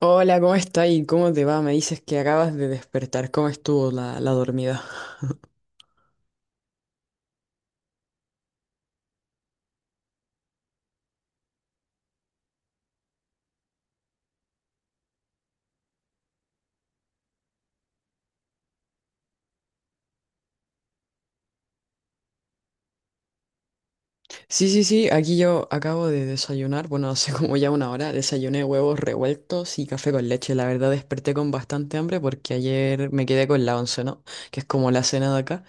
Hola, ¿cómo está y cómo te va? Me dices que acabas de despertar. ¿Cómo estuvo la dormida? Sí, sí, sí, aquí yo acabo de desayunar. Bueno, hace como ya una hora. Desayuné huevos revueltos y café con leche. La verdad desperté con bastante hambre porque ayer me quedé con la once, ¿no? Que es como la cena de acá.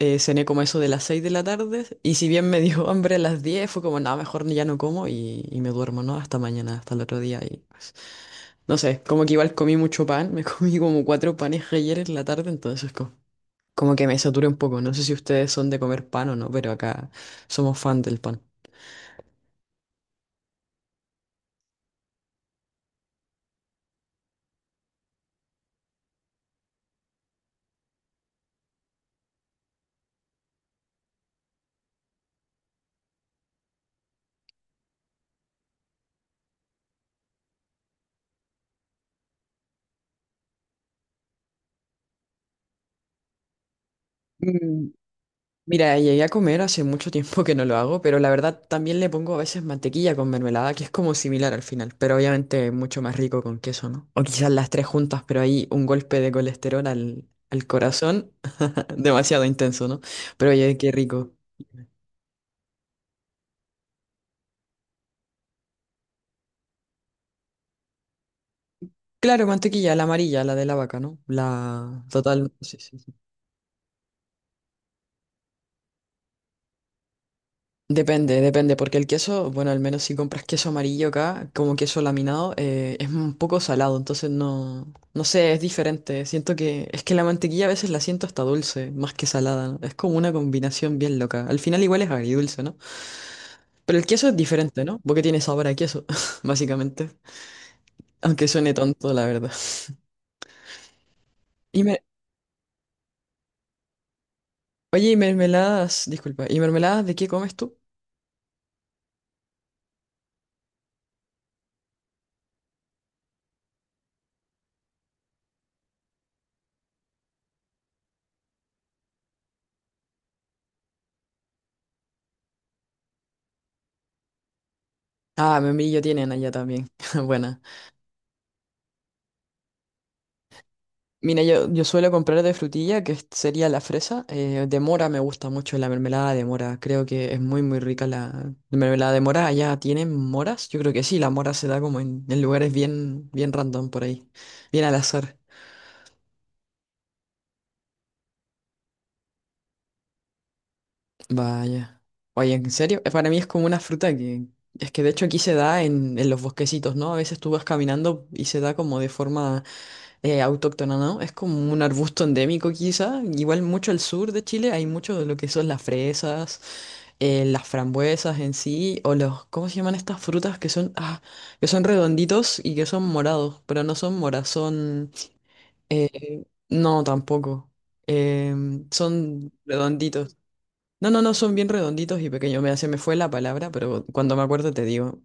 Cené como eso de las 6 de la tarde y si bien me dio hambre a las 10 fue como, nada, mejor ya no como y me duermo, ¿no? Hasta mañana, hasta el otro día. Y pues, no sé, como que igual comí mucho pan. Me comí como cuatro panes ayer en la tarde, entonces como, como que me saturé un poco. No sé si ustedes son de comer pan o no, pero acá somos fan del pan. Mm, mira, llegué a comer hace mucho tiempo que no lo hago, pero la verdad también le pongo a veces mantequilla con mermelada, que es como similar al final, pero obviamente mucho más rico con queso, ¿no? O quizás las tres juntas, pero ahí un golpe de colesterol al corazón, demasiado intenso, ¿no? Pero oye, qué rico. Claro, mantequilla, la amarilla, la de la vaca, ¿no? La total, sí, sí. Depende, depende, porque el queso, bueno, al menos si compras queso amarillo acá, como queso laminado, es un poco salado, entonces no, no sé, es diferente. Siento que es que la mantequilla a veces la siento hasta dulce, más que salada, ¿no? Es como una combinación bien loca. Al final igual es agridulce, ¿no? Pero el queso es diferente, ¿no? Porque tiene sabor a queso, básicamente. Aunque suene tonto, la verdad. Y me, oye, y mermeladas, disculpa, ¿y mermeladas de qué comes tú? Ah, membrillo tienen allá también. Buena. Mira, yo suelo comprar de frutilla, que es- sería la fresa. De mora me gusta mucho la mermelada de mora. Creo que es muy rica la mermelada de mora. ¿Allá tienen moras? Yo creo que sí, la mora se da como en lugares bien, bien random por ahí. Bien al azar. Vaya. Oye, ¿en serio? Para mí es como una fruta que... Es que de hecho aquí se da en los bosquecitos, ¿no? A veces tú vas caminando y se da como de forma autóctona, ¿no? Es como un arbusto endémico quizá. Igual mucho al sur de Chile hay mucho de lo que son las fresas, las frambuesas en sí, o los, ¿cómo se llaman estas frutas que son, ah, que son redonditos y que son morados, pero no son moras, son, eh, no, tampoco. Son redonditos. No, no, no, son bien redonditos y pequeños. Me se me fue la palabra, pero cuando me acuerdo te digo.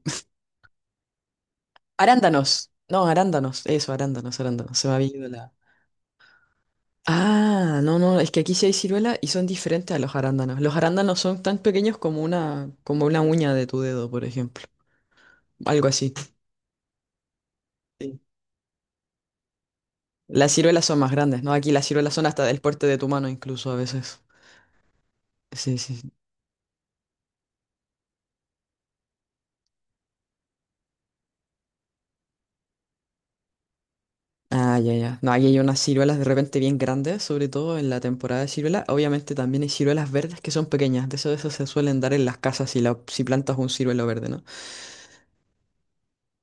Arándanos. No, arándanos. Eso, arándanos, arándanos. Se me había ido la... Ah, no, no, es que aquí sí hay ciruela y son diferentes a los arándanos. Los arándanos son tan pequeños como una uña de tu dedo, por ejemplo. Algo así. Sí. Las ciruelas son más grandes, ¿no? Aquí las ciruelas son hasta del porte de tu mano incluso a veces. Sí, sí, sí. Ah, ya, ya. No, aquí hay unas ciruelas de repente bien grandes, sobre todo en la temporada de ciruela. Obviamente también hay ciruelas verdes que son pequeñas. De eso se suelen dar en las casas si, la, si plantas un ciruelo verde, ¿no?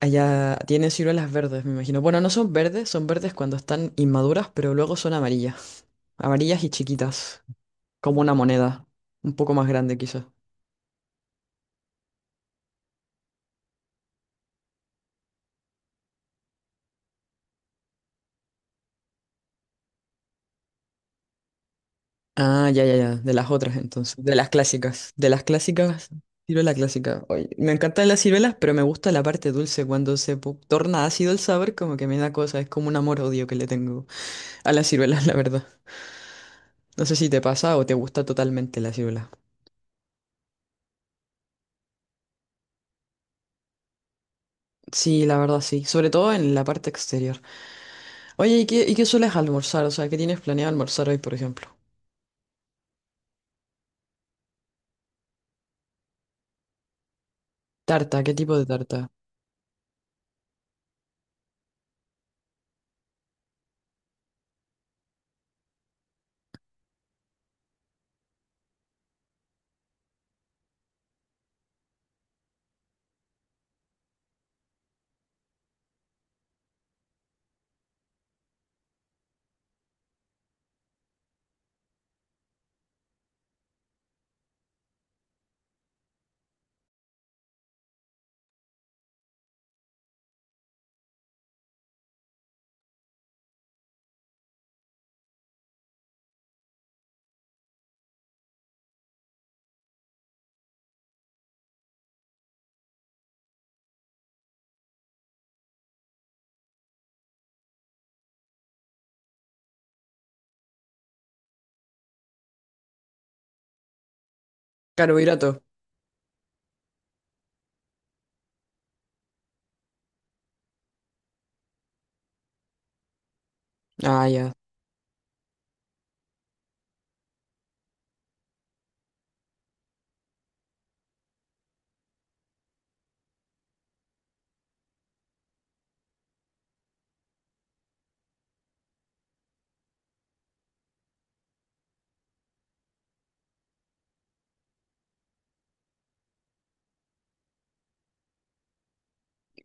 Allá tiene ciruelas verdes, me imagino. Bueno, no son verdes, son verdes cuando están inmaduras, pero luego son amarillas. Amarillas y chiquitas, como una moneda, un poco más grande quizás. Ah, ya, ya, ya, de las otras entonces, de las clásicas, ciruela clásica. Oye, me encantan las ciruelas, pero me gusta la parte dulce, cuando se po- torna ácido el sabor, como que me da cosa, es como un amor-odio que le tengo a las ciruelas, la verdad. No sé si te pasa o te gusta totalmente la ciruela. Sí, la verdad sí, sobre todo en la parte exterior. Oye, ¿y qué sueles almorzar? O sea, ¿qué tienes planeado almorzar hoy, por ejemplo? Tarta, ¿qué tipo de tarta? Carbohidrato. Ah, ya.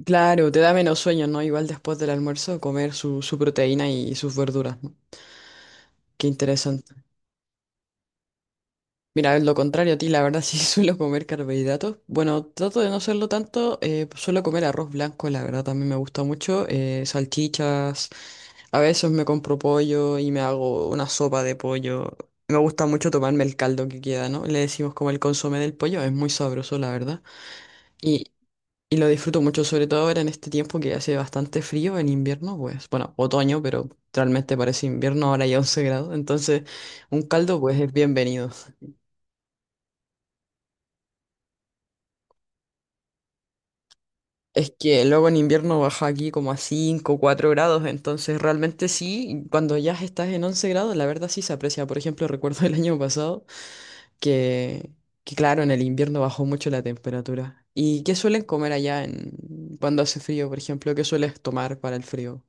Claro, te da menos sueño, ¿no? Igual después del almuerzo comer su proteína y sus verduras, ¿no? Qué interesante. Mira, lo contrario a ti, la verdad sí suelo comer carbohidratos. Bueno, trato de no hacerlo tanto, suelo comer arroz blanco, la verdad también me gusta mucho, salchichas. A veces me compro pollo y me hago una sopa de pollo. Me gusta mucho tomarme el caldo que queda, ¿no? Le decimos como el consomé del pollo, es muy sabroso, la verdad. Y, y lo disfruto mucho, sobre todo ahora en este tiempo que hace bastante frío en invierno, pues, bueno, otoño, pero realmente parece invierno, ahora hay 11 grados, entonces un caldo pues es bienvenido. Es que luego en invierno baja aquí como a 5, 4 grados, entonces realmente sí, cuando ya estás en 11 grados, la verdad sí se aprecia. Por ejemplo, recuerdo el año pasado. que, que claro, en el invierno bajó mucho la temperatura. ¿Y qué suelen comer allá en, cuando hace frío, por ejemplo? ¿Qué sueles tomar para el frío?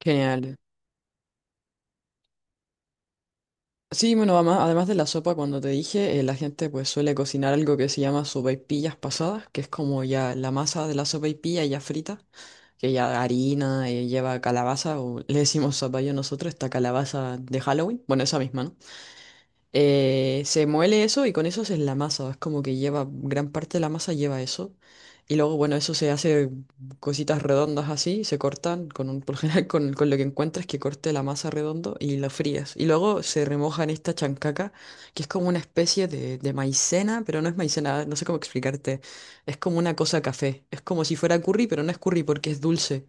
Genial. Sí, bueno, ama- además de la sopa, cuando te dije, la gente pues suele cocinar algo que se llama sopaipillas pasadas, que es como ya la masa de la sopaipilla ya frita, que ya harina, lleva calabaza, o le decimos zapallo nosotros, esta calabaza de Halloween, bueno, esa misma, ¿no? Se muele eso y con eso es la masa. Es como que lleva, gran parte de la masa lleva eso. Y luego, bueno, eso se hace cositas redondas así, se cortan con un, por lo general con lo que encuentras que corte la masa redondo y lo frías. Y luego se remoja en esta chancaca, que es como una especie de maicena, pero no es maicena, no sé cómo explicarte. Es como una cosa café. Es como si fuera curry, pero no es curry porque es dulce.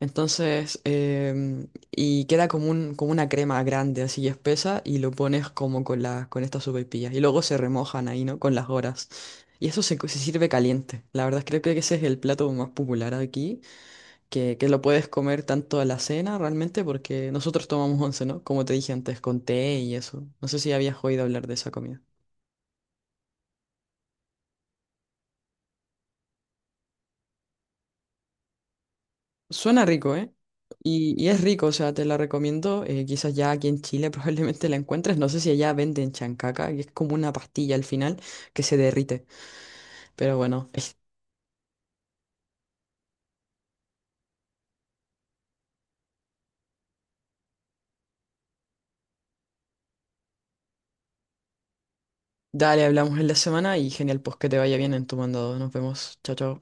Entonces, y queda como un, como una crema grande, así espesa, y lo pones como con la, con estas sopaipillas. Y luego se remojan ahí, ¿no? Con las horas. Y eso se, co- se sirve caliente. La verdad, creo, creo que ese es el plato más popular aquí, que lo puedes comer tanto a la cena realmente, porque nosotros tomamos once, ¿no? Como te dije antes, con té y eso. No sé si habías oído hablar de esa comida. Suena rico, ¿eh? Y es rico, o sea, te la recomiendo. Quizás ya aquí en Chile probablemente la encuentres. No sé si allá venden chancaca, que es como una pastilla al final que se derrite. Pero bueno, es- dale, hablamos en la semana y genial, pues que te vaya bien en tu mandado. Nos vemos. Chao, chao.